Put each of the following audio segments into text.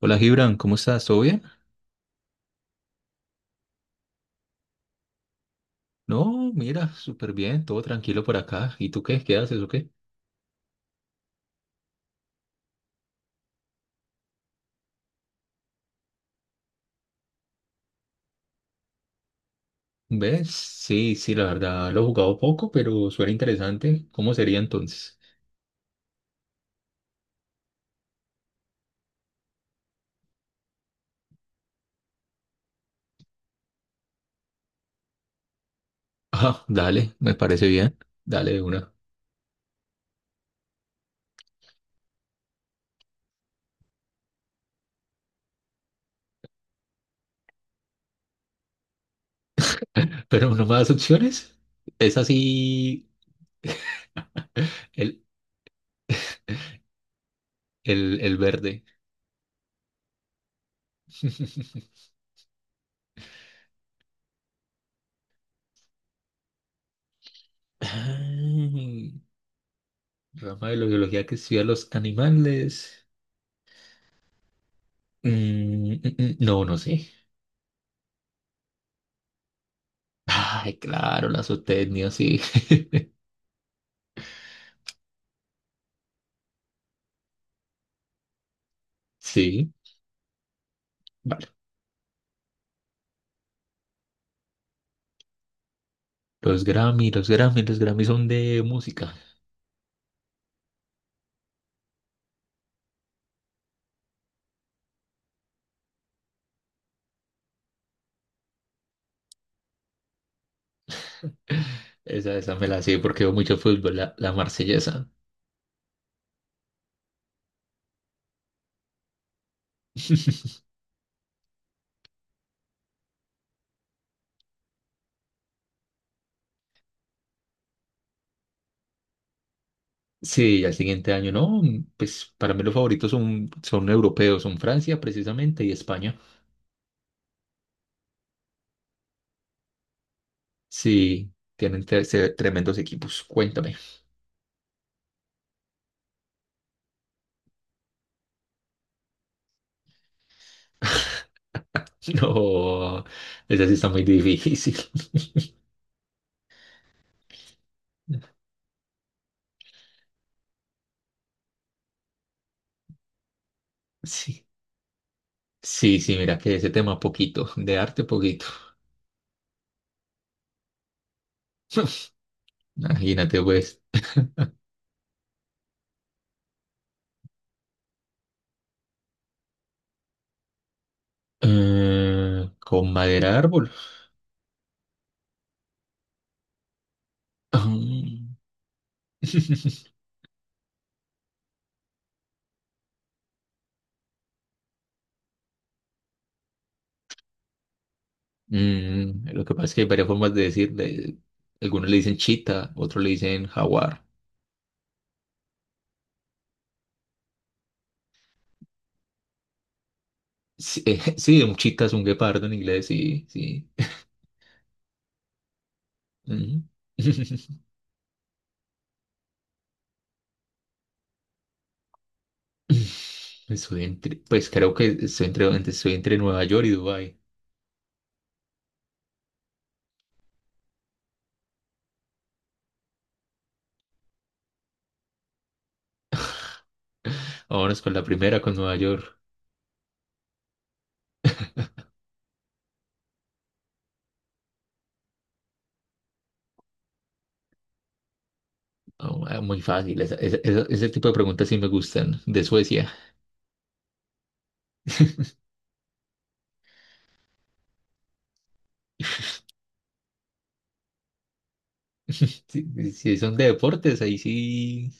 Hola Gibran, ¿cómo estás? ¿Todo bien? No, mira, súper bien, todo tranquilo por acá. ¿Y tú qué? ¿Qué haces o qué? ¿Ves? Sí, sí, la verdad lo he jugado poco, pero suena interesante. ¿Cómo sería entonces? Ah, dale, me parece bien. Dale de una. Pero no más opciones. Es así el, el verde. Ay, rama de la biología que estudia los animales. No, no sé. Ay, claro, la zootecnia, sí. Sí. Vale. Los Grammy son de música. Esa me la sé porque veo mucho fútbol, la marsellesa. Sí, al siguiente año, no, pues para mí los favoritos son europeos, son Francia precisamente y España. Sí, tienen tremendos equipos, cuéntame. No, esa sí está muy difícil. Sí, sí, mira que ese tema poquito, de arte poquito. Imagínate pues, con madera de árbol. Ah. Mm, lo que pasa es que hay varias formas de decirle. Algunos le dicen chita, otros le dicen jaguar. Sí, sí, un chita es un guepardo en inglés, sí, sí. Ujú. Pues creo que estoy entre Nueva York y Dubái. Vámonos con la primera, con Nueva York. Oh, ah, muy fácil, ese tipo de preguntas sí me gustan, de Suecia. Si, si son de deportes, ahí sí,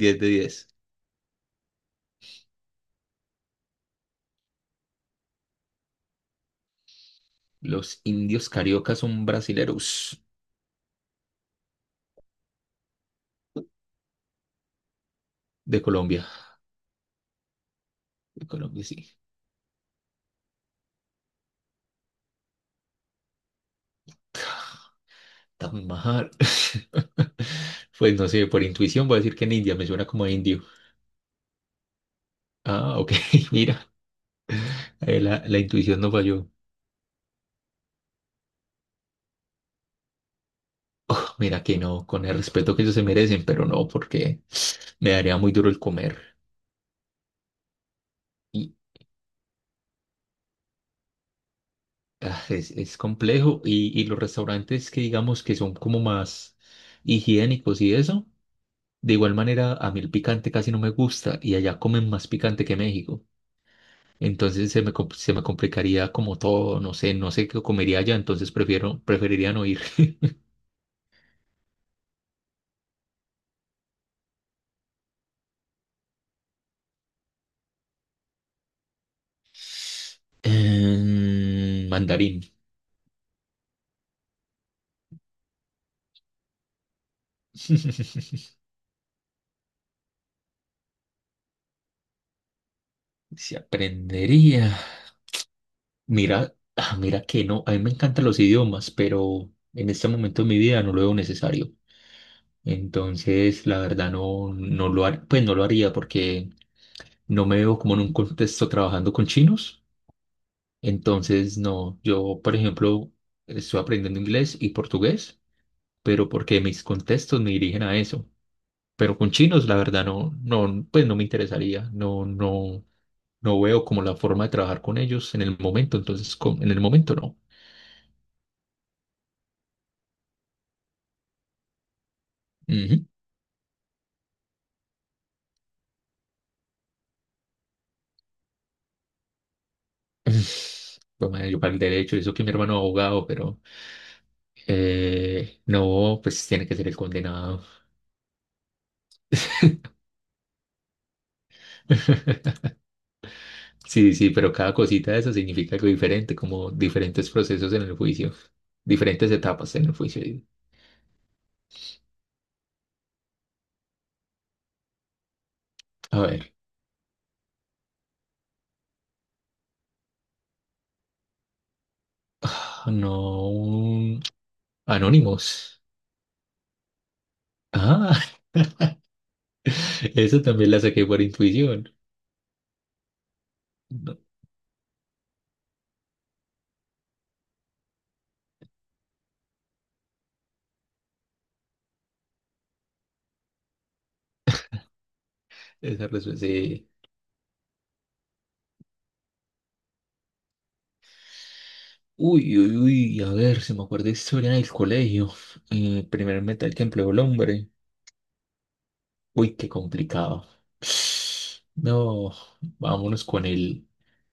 10 de 10. Los indios cariocas son brasileros. De Colombia. De Colombia, sí. Taj Mahal. Pues no sé, por intuición voy a decir que en India, me suena como a indio. Ah, ok, mira, la intuición no falló. Mira que no, con el respeto que ellos se merecen, pero no, porque me daría muy duro el comer. Y ah, es complejo. Y los restaurantes que digamos que son como más higiénicos y eso, de igual manera, a mí el picante casi no me gusta y allá comen más picante que México. Entonces se me complicaría como todo, no sé, no sé qué comería allá, entonces preferiría no ir. Em, mandarín. Si aprendería. Mira, mira que no, a mí me encantan los idiomas, pero en este momento de mi vida no lo veo necesario. Entonces, la verdad no, no lo haría, pues no lo haría porque no me veo como en un contexto trabajando con chinos. Entonces, no, yo, por ejemplo, estoy aprendiendo inglés y portugués. Pero porque mis contextos me dirigen a eso. Pero con chinos, la verdad, pues no me interesaría, no veo como la forma de trabajar con ellos en el momento, entonces en el momento no. Ujú. Pues madre, yo para el derecho, eso que mi hermano es abogado, pero no, pues tiene que ser el condenado. Sí, sí, pero cada cosita de eso significa algo diferente, como diferentes procesos en el juicio, diferentes etapas en el juicio. A ver, no. Anónimos. Ah, eso también la saqué por intuición. No, esa respuesta, sí. Uy, uy, a ver, se me acuerda de historia del colegio. El primer metal que empleó el hombre. Uy, qué complicado. No, vámonos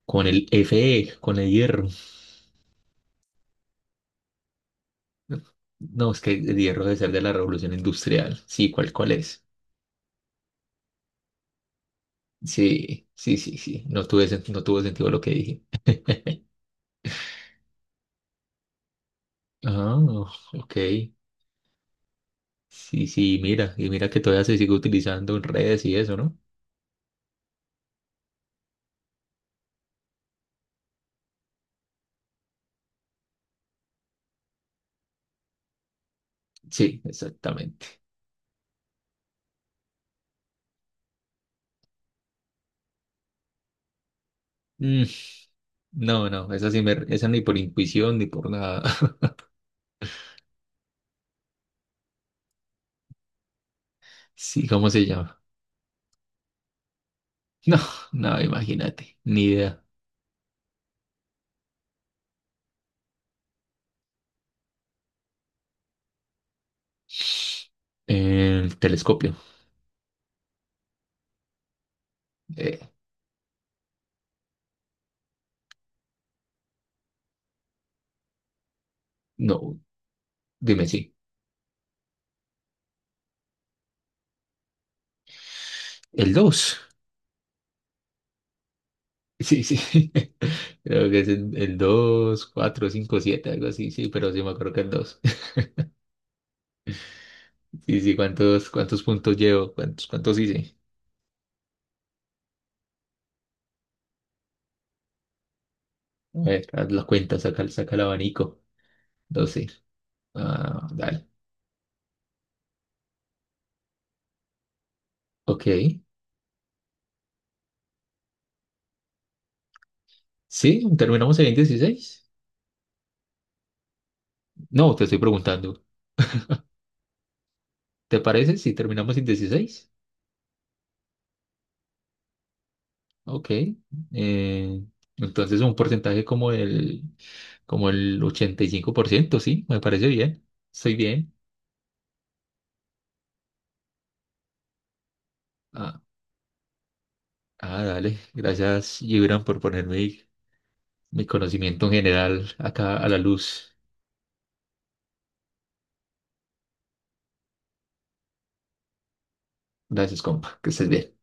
con el Fe, con el hierro. No, es que el hierro debe ser de la revolución industrial. Sí, ¿ cuál es? Sí. No tuvo sentido lo que dije. Ah, ok. Sí, sí, mira, y mira que todavía se sigue utilizando en redes y eso, ¿no? Sí, exactamente. Mm, no, esa sí me, esa ni por intuición ni por nada. Sí, ¿cómo se llama? No, no, imagínate, ni idea. El telescopio. Eh, no, dime sí. El dos. Sí, sí. Creo que es el 2, 4, 5, 7, algo así, sí, pero sí me acuerdo que el 2. Sí, sí, ¿ cuántos puntos llevo? ¿ cuántos hice? A ver, haz la cuenta, saca el abanico. 12. Ah, dale. Ok. Sí, ¿terminamos en 16? No, te estoy preguntando. ¿Te parece si terminamos en 16? Ok. Eh, entonces un porcentaje como como el 85%, sí, me parece bien. Estoy bien. Ah, ah, dale. Gracias, Gibran, por poner mi conocimiento en general acá a la luz. Gracias, compa. Que estés bien.